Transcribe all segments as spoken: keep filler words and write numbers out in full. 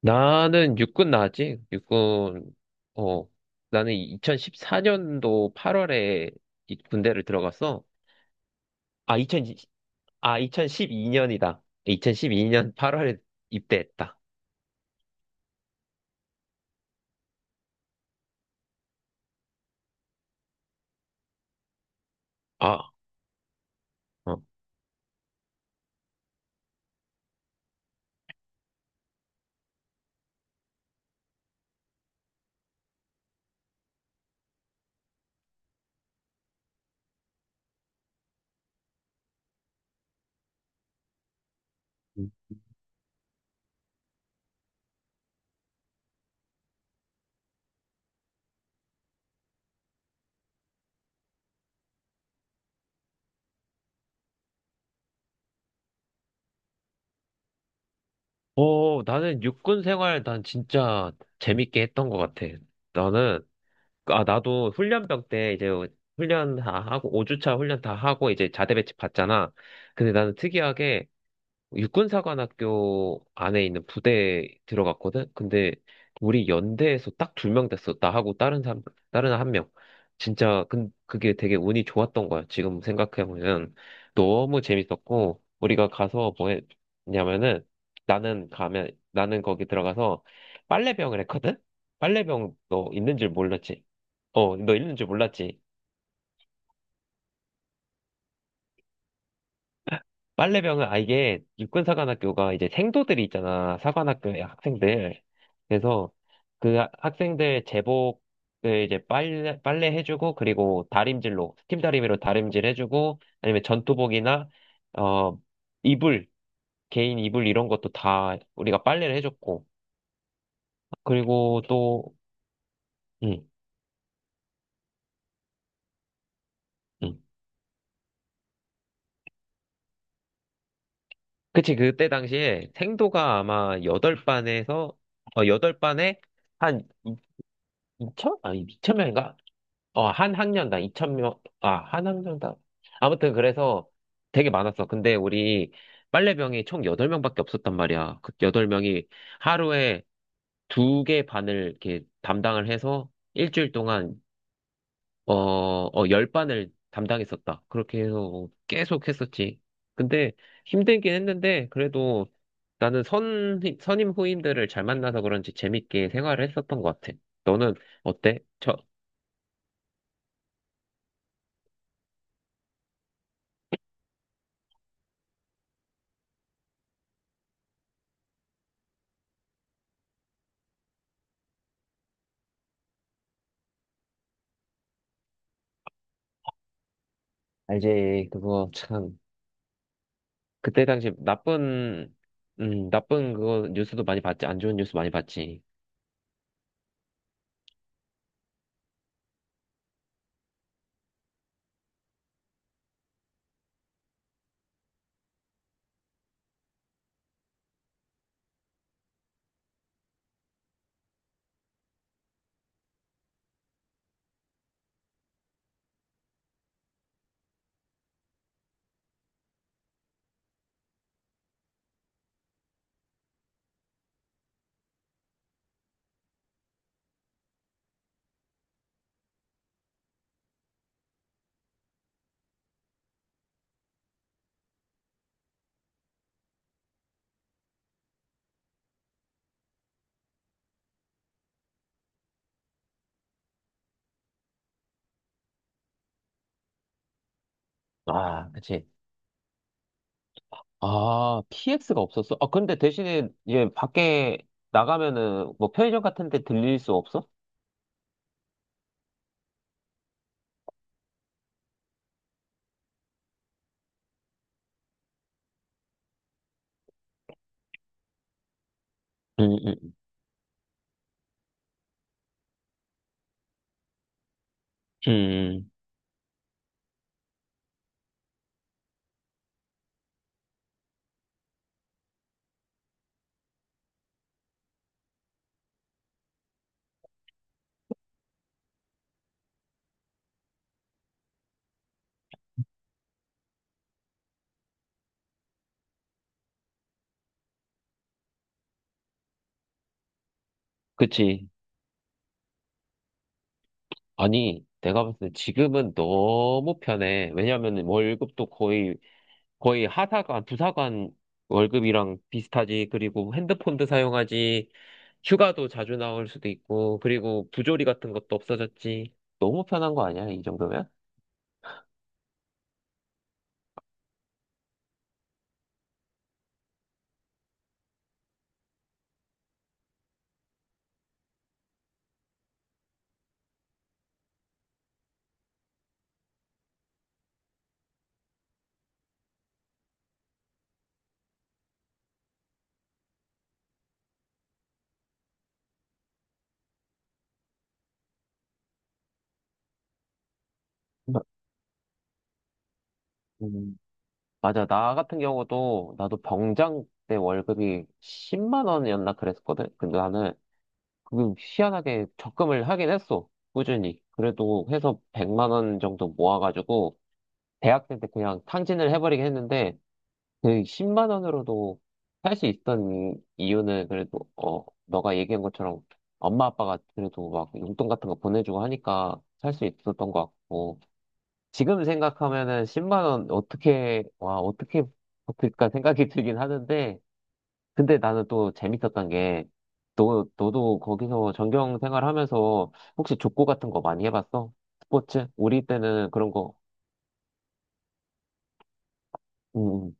나는 육군 나왔지? 육군, 어, 나는 이천십사 년도 팔 월에 군대를 들어갔어. 아, 이 공 공 아, 이천십이 년이다. 이천십이 년 팔 월에 입대했다. 아, 어. 어, 나는 육군 생활 난 진짜 재밌게 했던 것 같아. 나는, 아, 나도 훈련병 때 이제 훈련 다 하고, 오 주차 훈련 다 하고 이제 자대 배치 받잖아. 근데 나는 특이하게 육군사관학교 안에 있는 부대에 들어갔거든? 근데 우리 연대에서 딱 두 명 됐어. 나하고 다른 사람, 다른 한 명. 진짜, 그, 그게 되게 운이 좋았던 거야. 지금 생각해보면. 너무 재밌었고, 우리가 가서 뭐 했냐면은, 나는 가면, 나는 거기 들어가서 빨래병을 했거든? 빨래병 너 있는 줄 몰랐지? 어, 너 있는 줄 몰랐지? 빨래병은, 아, 이게 육군사관학교가 이제 생도들이 있잖아. 사관학교의 학생들. 그래서 그 하- 학생들 제복을 이제 빨래, 빨래 해주고, 그리고 다림질로, 스팀 다리미로 다림질 해주고, 아니면 전투복이나, 어, 이불, 개인 이불 이런 것도 다 우리가 빨래를 해줬고, 그리고 또, 응, 응. 그치, 그때 당시에 생도가 아마 여덟 반에서, 어, 여덟 반에 한 이천? 아니, 이천 명인가? 어, 한 학년당 이천 명, 아, 한 학년당. 아무튼 그래서 되게 많았어. 근데 우리 빨래병이 총 여덟 명밖에 없었단 말이야. 그 여덟 명이 하루에 두 개 반을 이렇게 담당을 해서 일주일 동안, 어, 어, 십 반을 담당했었다. 그렇게 해서 계속 했었지. 근데 힘들긴 했는데, 그래도 나는 선, 선임 후임들을 잘 만나서 그런지 재밌게 생활을 했었던 것 같아. 너는 어때? 저, 알지. 그거 참. 그때 당시 나쁜, 음, 나쁜 그거 뉴스도 많이 봤지. 안 좋은 뉴스 많이 봤지. 아, 그치. 아, 피엑스가 없었어? 아, 근데 대신에 이제 밖에 나가면은 뭐 편의점 같은 데 들릴 수 없어? 음, 음, 음, 그치. 아니, 내가 봤을 때 지금은 너무 편해. 왜냐면 월급도 거의 거의 하사관, 부사관 월급이랑 비슷하지. 그리고 핸드폰도 사용하지. 휴가도 자주 나올 수도 있고. 그리고 부조리 같은 것도 없어졌지. 너무 편한 거 아니야, 이 정도면? 마- 음, 맞아. 나 같은 경우도 나도 병장 때 월급이 십만 원이었나 그랬었거든. 근데 나는 그 희한하게 적금을 하긴 했어. 꾸준히. 그래도 해서 백만 원 정도 모아가지고 대학생 때 그냥 탕진을 해버리긴 했는데 그 십만 원으로도 살 수 있던 이유는 그래도 어 너가 얘기한 것처럼 엄마 아빠가 그래도 막 용돈 같은 거 보내주고 하니까 살 수 있었던 것 같고 지금 생각하면은 십만 원 어떻게 와 어떻게 버틸까 생각이 들긴 하는데 근데 나는 또 재밌었던 게 너, 너도 거기서 전경 생활하면서 혹시 족구 같은 거 많이 해봤어? 스포츠? 우리 때는 그런 거 음, 음.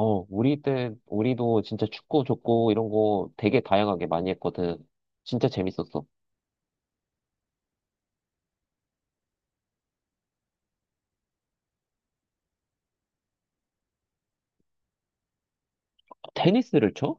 어, 우리 때, 우리도 진짜 축구, 족구 이런 거 되게 다양하게 많이 했거든. 진짜 재밌었어. 테니스를 쳐?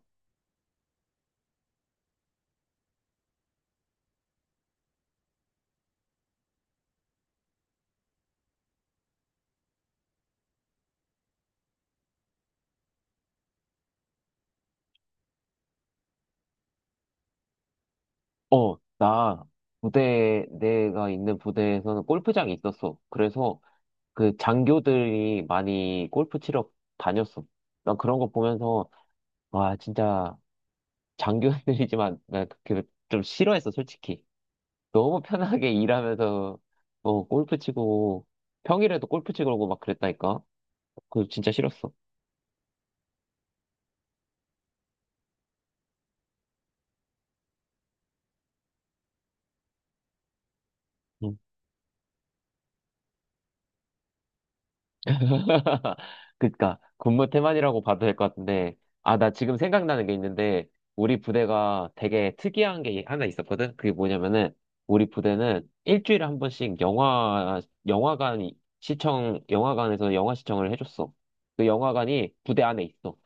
어, 나 부대, 내가 있는 부대에서는 골프장이 있었어. 그래서 그 장교들이 많이 골프 치러 다녔어. 난 그런 거 보면서, 와, 진짜 장교들이지만, 나 그, 좀 싫어했어, 솔직히. 너무 편하게 일하면서, 어, 골프 치고, 평일에도 골프 치고 그러고 막 그랬다니까? 그거 진짜 싫었어. 그니까 군무 태만이라고 봐도 될 것 같은데. 아, 나 지금 생각나는 게 있는데 우리 부대가 되게 특이한 게 하나 있었거든. 그게 뭐냐면은 우리 부대는 일주일에 한 번씩 영화 영화관 시청 영화관에서 영화 시청을 해줬어. 그 영화관이 부대 안에 있어.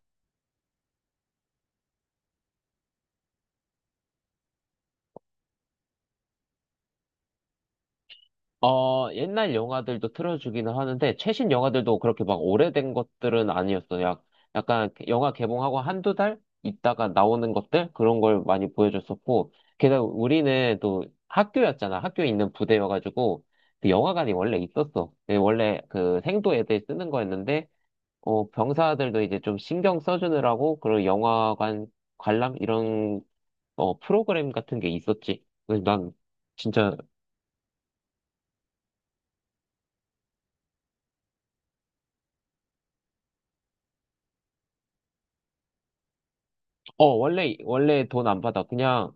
어, 옛날 영화들도 틀어주기는 하는데, 최신 영화들도 그렇게 막 오래된 것들은 아니었어요. 약, 약간 영화 개봉하고 한두 달 있다가 나오는 것들? 그런 걸 많이 보여줬었고, 게다가 우리는 또 학교였잖아. 학교에 있는 부대여가지고, 그 영화관이 원래 있었어. 예, 원래 그 생도 애들 쓰는 거였는데, 어, 병사들도 이제 좀 신경 써주느라고, 그런 영화관 관람? 이런, 어, 프로그램 같은 게 있었지. 그래서 난 진짜 어, 원래, 원래 돈 안 받아. 그냥,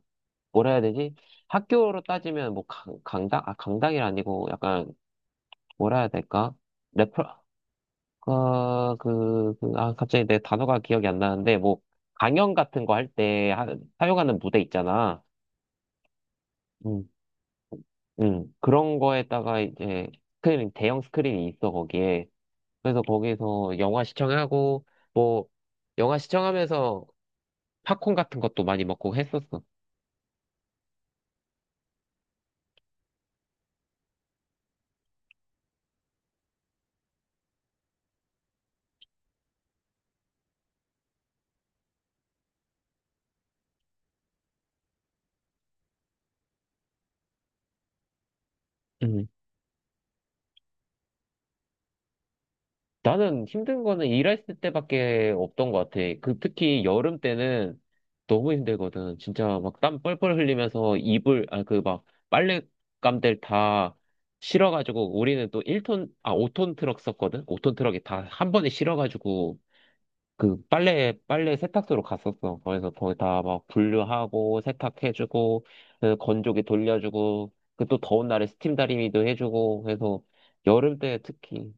뭐라 해야 되지? 학교로 따지면, 뭐, 강, 강당? 아, 강당이 아니고, 약간, 뭐라 해야 될까? 레퍼, 어, 그, 그, 아, 갑자기 내 단어가 기억이 안 나는데, 뭐, 강연 같은 거 할 때, 하- 사용하는 무대 있잖아. 음, 음, 그런 거에다가 이제, 스크린, 대형 스크린이 있어, 거기에. 그래서 거기서 영화 시청하고, 뭐, 영화 시청하면서 팝콘 같은 것도 많이 먹고 했었어. 나는 힘든 거는 일했을 때밖에 없던 것 같아. 그 특히 여름 때는 너무 힘들거든. 진짜 막 땀 뻘뻘 흘리면서 이불, 아, 그 막 빨랫감들 다 실어가지고 우리는 또 일톤 아, 오 톤 트럭 썼거든? 오 톤 트럭이 다 한 번에 실어가지고 그 빨래, 빨래 세탁소로 갔었어. 그래서 거기 다 막 분류하고 세탁해주고 그 건조기 돌려주고 그 또 더운 날에 스팀 다리미도 해주고 해서 여름 때 특히.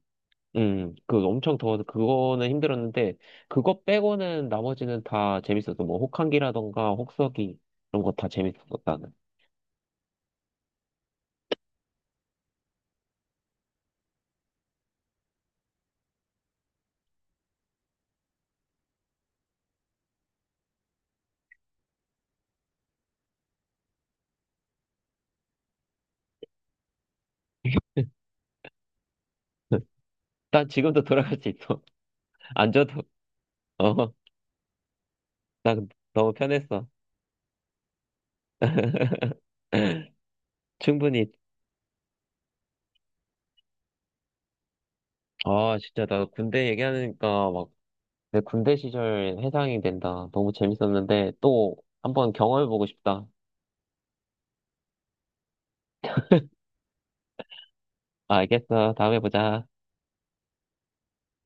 음, 그 엄청 더워서 그거는 힘들었는데, 그거 빼고는 나머지는 다 재밌었어. 뭐, 혹한기라던가, 혹서기, 이런 거 다 재밌었어, 나는. 난 지금도 돌아갈 수 있어. 안 줘도, 어, 난 너무 편했어. 충분히. 아, 진짜, 나 군대 얘기하니까 막, 내 군대 시절 회상이 된다. 너무 재밌었는데, 또, 한번 경험해보고 싶다. 알겠어. 다음에 보자.